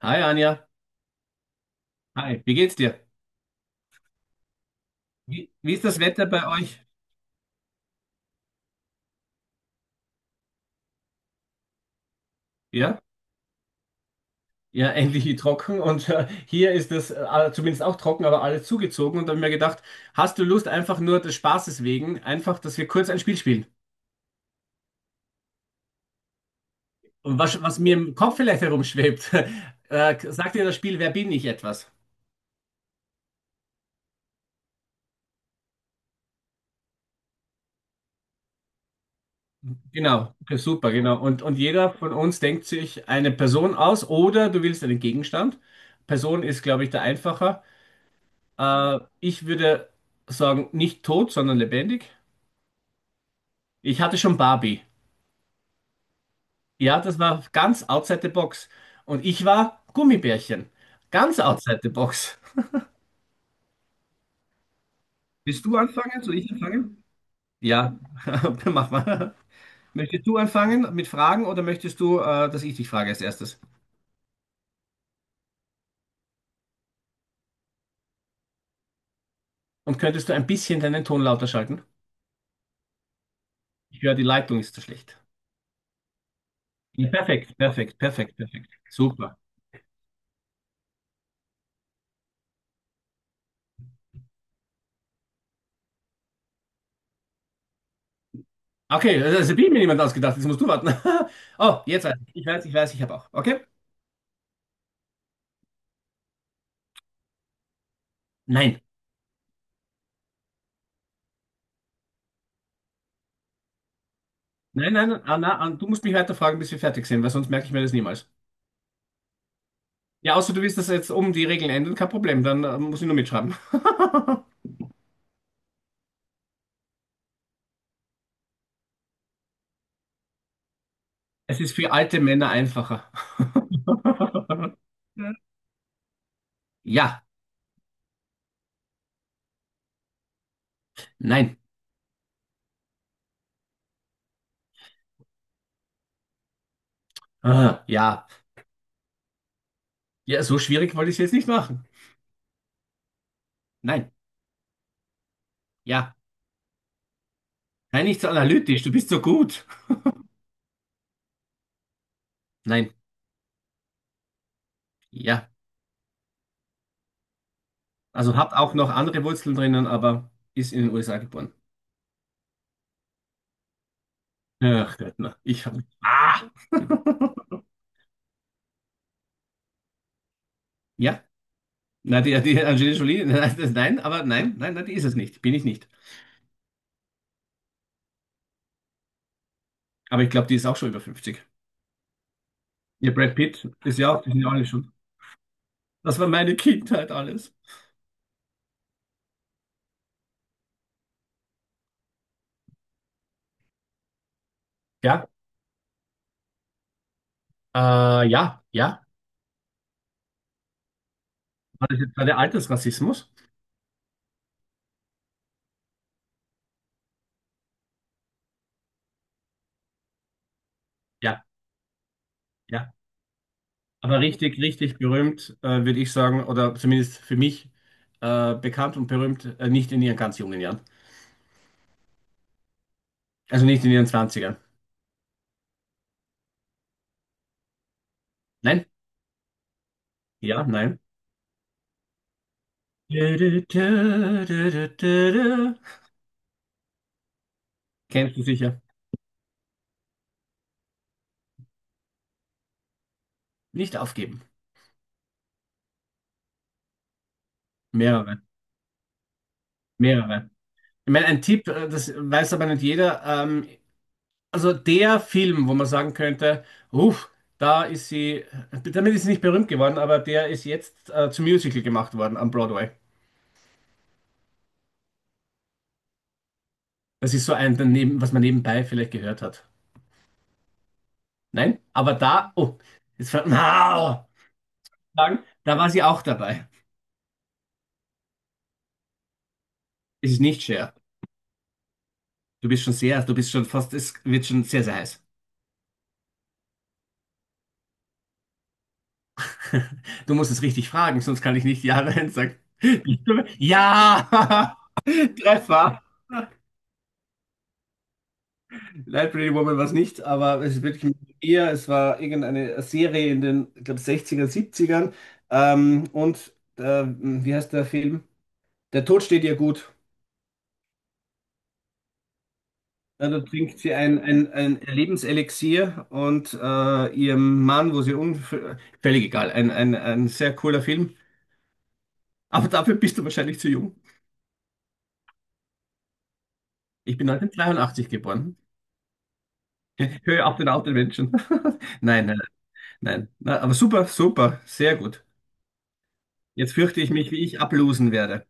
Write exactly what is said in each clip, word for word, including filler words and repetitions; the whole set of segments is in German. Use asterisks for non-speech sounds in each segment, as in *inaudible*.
Hi Anja, hi. Wie geht's dir? Wie, wie ist das Wetter bei euch? Ja, ja, *laughs* endlich trocken und äh, hier ist es äh, zumindest auch trocken, aber alles zugezogen, und da habe ich mir gedacht, hast du Lust, einfach nur des Spaßes wegen, einfach, dass wir kurz ein Spiel spielen? Und was, was mir im Kopf vielleicht herumschwebt, *laughs* äh, sagt dir das Spiel, wer bin ich, etwas? Genau, okay, super, genau. Und, und jeder von uns denkt sich eine Person aus, oder du willst einen Gegenstand. Person ist, glaube ich, der einfacher. Äh, ich würde sagen, nicht tot, sondern lebendig. Ich hatte schon Barbie. Ja, das war ganz outside the box. Und ich war Gummibärchen. Ganz outside the box. Willst du anfangen? Soll ich anfangen? Ja, *laughs* dann mach mal. Möchtest du anfangen mit Fragen, oder möchtest du, äh, dass ich dich frage als erstes? Und könntest du ein bisschen deinen Ton lauter schalten? Ich höre, die Leitung ist zu schlecht. Ja, perfekt, perfekt, perfekt, perfekt. Super. Okay, das, habe ich mir, niemand ausgedacht. Jetzt musst du warten. *laughs* Oh, jetzt weiß ich. Ich weiß, ich weiß, ich habe auch. Okay? Nein. Nein, nein, nein, Anna, Anna, du musst mich weiter fragen, bis wir fertig sind, weil sonst merke ich mir das niemals. Ja, außer du willst das jetzt um die Regeln ändern, kein Problem, dann äh, muss ich nur mitschreiben. *laughs* Es ist für alte Männer einfacher. *laughs* Ja, nein, ah, ja. Ja, so schwierig wollte ich es jetzt nicht machen. Nein, ja. Nein, nicht so analytisch, du bist so gut. Nein, ja. Also hat auch noch andere Wurzeln drinnen, aber ist in den U S A geboren. Ach Gott, na, ich habe... Ah! *laughs* Ja. Na, die, die Angelina Jolie, *laughs* nein, das, nein, aber nein, nein, nein, die ist es nicht. Bin ich nicht. Aber ich glaube, die ist auch schon über fünfzig. Ihr Brad Pitt ist ja auch, die sind ja alle schon. Das war meine Kindheit alles. Ja, äh, ja, ja, War das jetzt gerade Altersrassismus? Ja, ja. Aber richtig, richtig berühmt, äh, würde ich sagen, oder zumindest für mich äh, bekannt und berühmt, äh, nicht in ihren ganz jungen Jahren. Also nicht in ihren Zwanzigern? Nein? Ja, nein. Du, du, du, du, du, du. Kennst du sicher? Nicht aufgeben. Mehrere. Mehrere. Ich meine, ein Tipp, äh, das weiß aber nicht jeder. Ähm, also der Film, wo man sagen könnte, uff, da ist sie, damit ist sie nicht berühmt geworden, aber der ist jetzt äh, zum Musical gemacht worden am Broadway. Das ist so ein daneben, was man nebenbei vielleicht gehört hat. Nein, aber da, oh, jetzt fällt na, sagen, da war sie auch dabei. Es ist nicht Cher. Du bist schon sehr, du bist schon fast, es wird schon sehr, sehr heiß. *laughs* Du musst es richtig fragen, sonst kann ich nicht Ja Nein sagen. *laughs* Ja, *laughs* Treffer. Nein, Pretty Woman war es nicht, aber es ist wirklich eher, es war irgendeine Serie in den, ich glaube, sechziger, siebzigern. Ähm, und äh, wie heißt der Film? Der Tod steht ihr gut. Ja, da trinkt sie ein, ein, ein Lebenselixier und äh, ihrem Mann, wo sie unfällig, völlig egal, ein, ein, ein sehr cooler Film. Aber dafür bist du wahrscheinlich zu jung. Ich bin neunzehnhundertdreiundachtzig geboren. *laughs* Höre auf den alten Menschen. *laughs* Nein, nein, nein. Na, aber super, super, sehr gut. Jetzt fürchte ich mich, wie ich ablosen werde.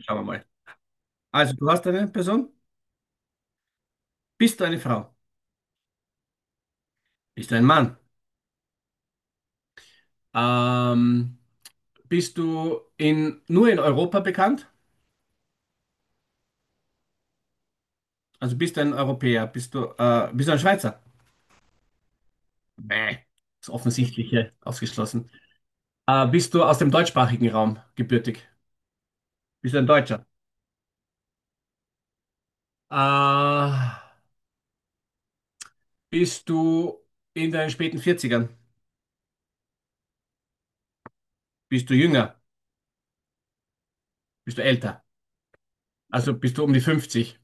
Schauen wir mal. Also, du hast eine Person? Bist du eine Frau? Bist du ein Mann? Ähm, bist du in, nur in Europa bekannt? Also bist du ein Europäer? Bist du, äh, bist du ein Schweizer? Nee. Das Offensichtliche ausgeschlossen. Äh, bist du aus dem deutschsprachigen Raum gebürtig? Bist du ein Deutscher? Äh, bist du in deinen späten Vierzigern? Bist du jünger? Bist du älter? Also bist du um die fünfzig,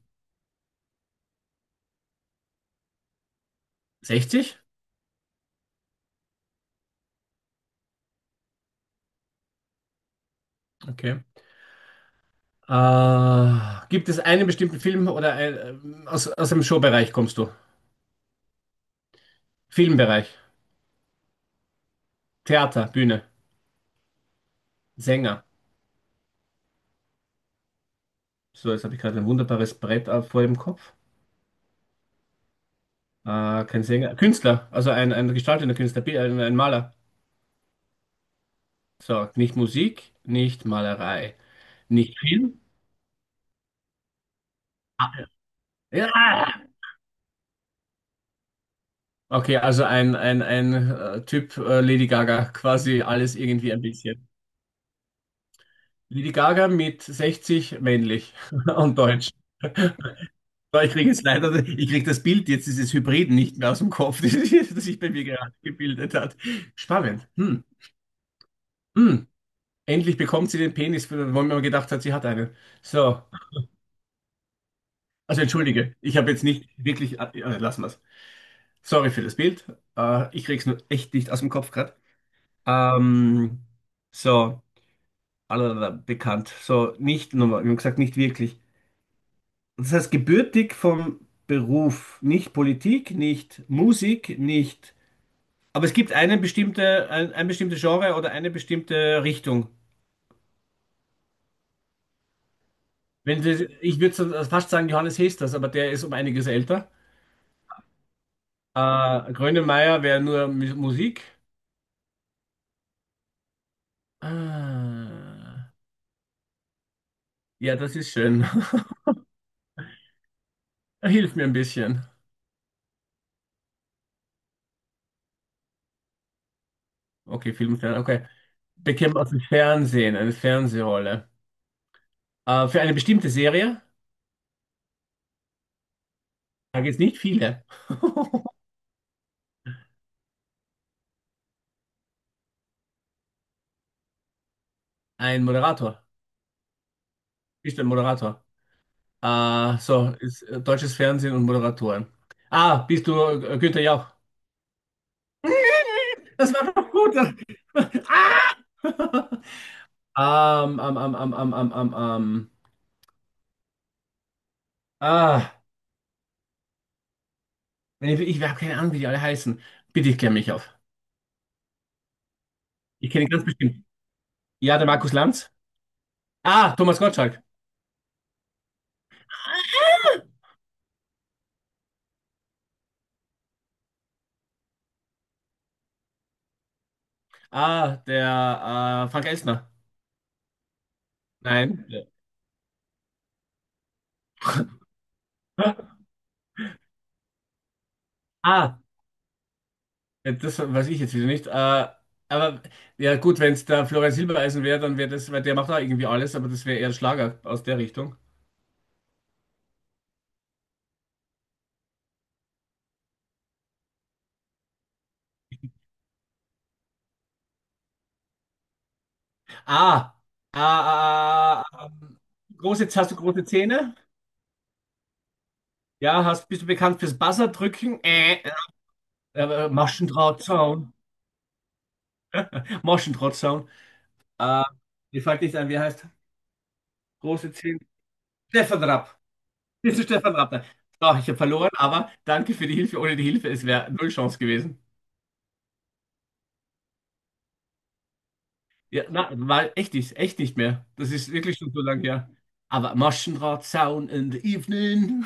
sechzig? Okay. Äh, gibt es einen bestimmten Film oder ein, äh, aus, aus dem Showbereich kommst du? Filmbereich, Theater, Bühne, Sänger. So, jetzt habe ich gerade ein wunderbares Brett auf- vor dem Kopf. Äh, kein Sänger, Künstler, also ein, ein gestaltender Künstler, Bi- ein, ein Maler. So, nicht Musik, nicht Malerei, nicht Film. Ja! Okay, also ein, ein, ein äh, Typ äh, Lady Gaga, quasi alles irgendwie ein bisschen. Lady Gaga mit sechzig, männlich, *laughs* und deutsch. Aber ich kriege jetzt leider, ich kriege das Bild jetzt dieses Hybriden nicht mehr aus dem Kopf, *laughs* das, sich bei mir gerade gebildet hat. Spannend. Hm. Hm. Endlich bekommt sie den Penis, wo man mir gedacht hat, sie hat einen. So. Also entschuldige, ich habe jetzt nicht wirklich. Äh, lassen wir es. Sorry für das Bild. Äh, ich krieg's nur echt nicht aus dem Kopf gerade. Ähm, so, allerlei bekannt. So, nicht nochmal, wir haben gesagt, nicht wirklich. Das heißt, gebürtig vom Beruf, nicht Politik, nicht Musik, nicht. Aber es gibt eine bestimmte, ein, ein bestimmtes Genre oder eine bestimmte Richtung. Wenn Sie, ich würde fast sagen Johannes Hesters, aber der ist um einiges älter. Äh, Grönemeyer wäre nur Mu- Musik. Ah, ja, das ist schön. *laughs* Hilf mir ein bisschen. Okay, Film, Fern- okay. Beckham aus dem Fernsehen, eine Fernsehrolle. Äh, für eine bestimmte Serie? Da gibt es nicht viele. *laughs* Ein Moderator. Ist ein Moderator. Ah, so, ist äh, deutsches Fernsehen und Moderatoren. Ah, bist du äh, Günther Jauch? *laughs* Das war doch gut. *laughs* Ah! *laughs* Ähm, ähm, ähm, ähm, ähm, ähm, ähm, ähm. Ah, wenn ich, ich habe keine Ahnung, wie die alle heißen. Bitte klär mich auf. Ich kenne ihn ganz bestimmt. Ja, der Markus Lanz. Ah, Thomas Gottschalk. Ah, der äh, Frank Elstner. Nein. *laughs* Ah, ja, das weiß ich jetzt wieder nicht. Äh, aber ja, gut, wenn es der Florian Silbereisen wäre, dann wäre das, weil der macht auch irgendwie alles, aber das wäre eher Schlager aus der Richtung. Ah, ah, ah, ah, ah, ähm, große, hast du große Zähne? Ja, hast, bist du bekannt fürs Buzzerdrücken? Äh, äh, Maschendrahtzaun. Maschendrahtzaun. Äh, mir fällt nicht ein, wie er heißt? Große Zähne. Stefan Rapp. Bist du Stefan Rapp? So, ich habe verloren, aber danke für die Hilfe. Ohne die Hilfe, es wäre null Chance gewesen. Ja, na, weil echt nicht, echt nicht mehr. Das ist wirklich schon so lange her. Aber Maschendraht, Sound in the evening.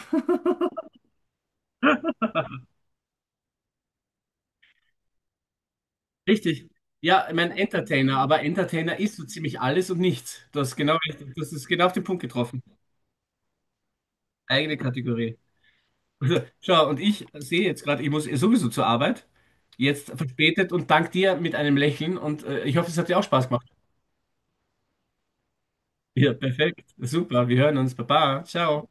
*laughs* Richtig. Ja, ich mein Entertainer, aber Entertainer ist so ziemlich alles und nichts. Das ist genau, richtig. Das ist genau auf den Punkt getroffen. Eigene Kategorie. Also, schau, und ich sehe jetzt gerade, ich muss sowieso zur Arbeit. Jetzt verspätet und dank dir mit einem Lächeln, und äh, ich hoffe, es hat dir auch Spaß gemacht. Ja, perfekt. Super, wir hören uns. Baba, ciao.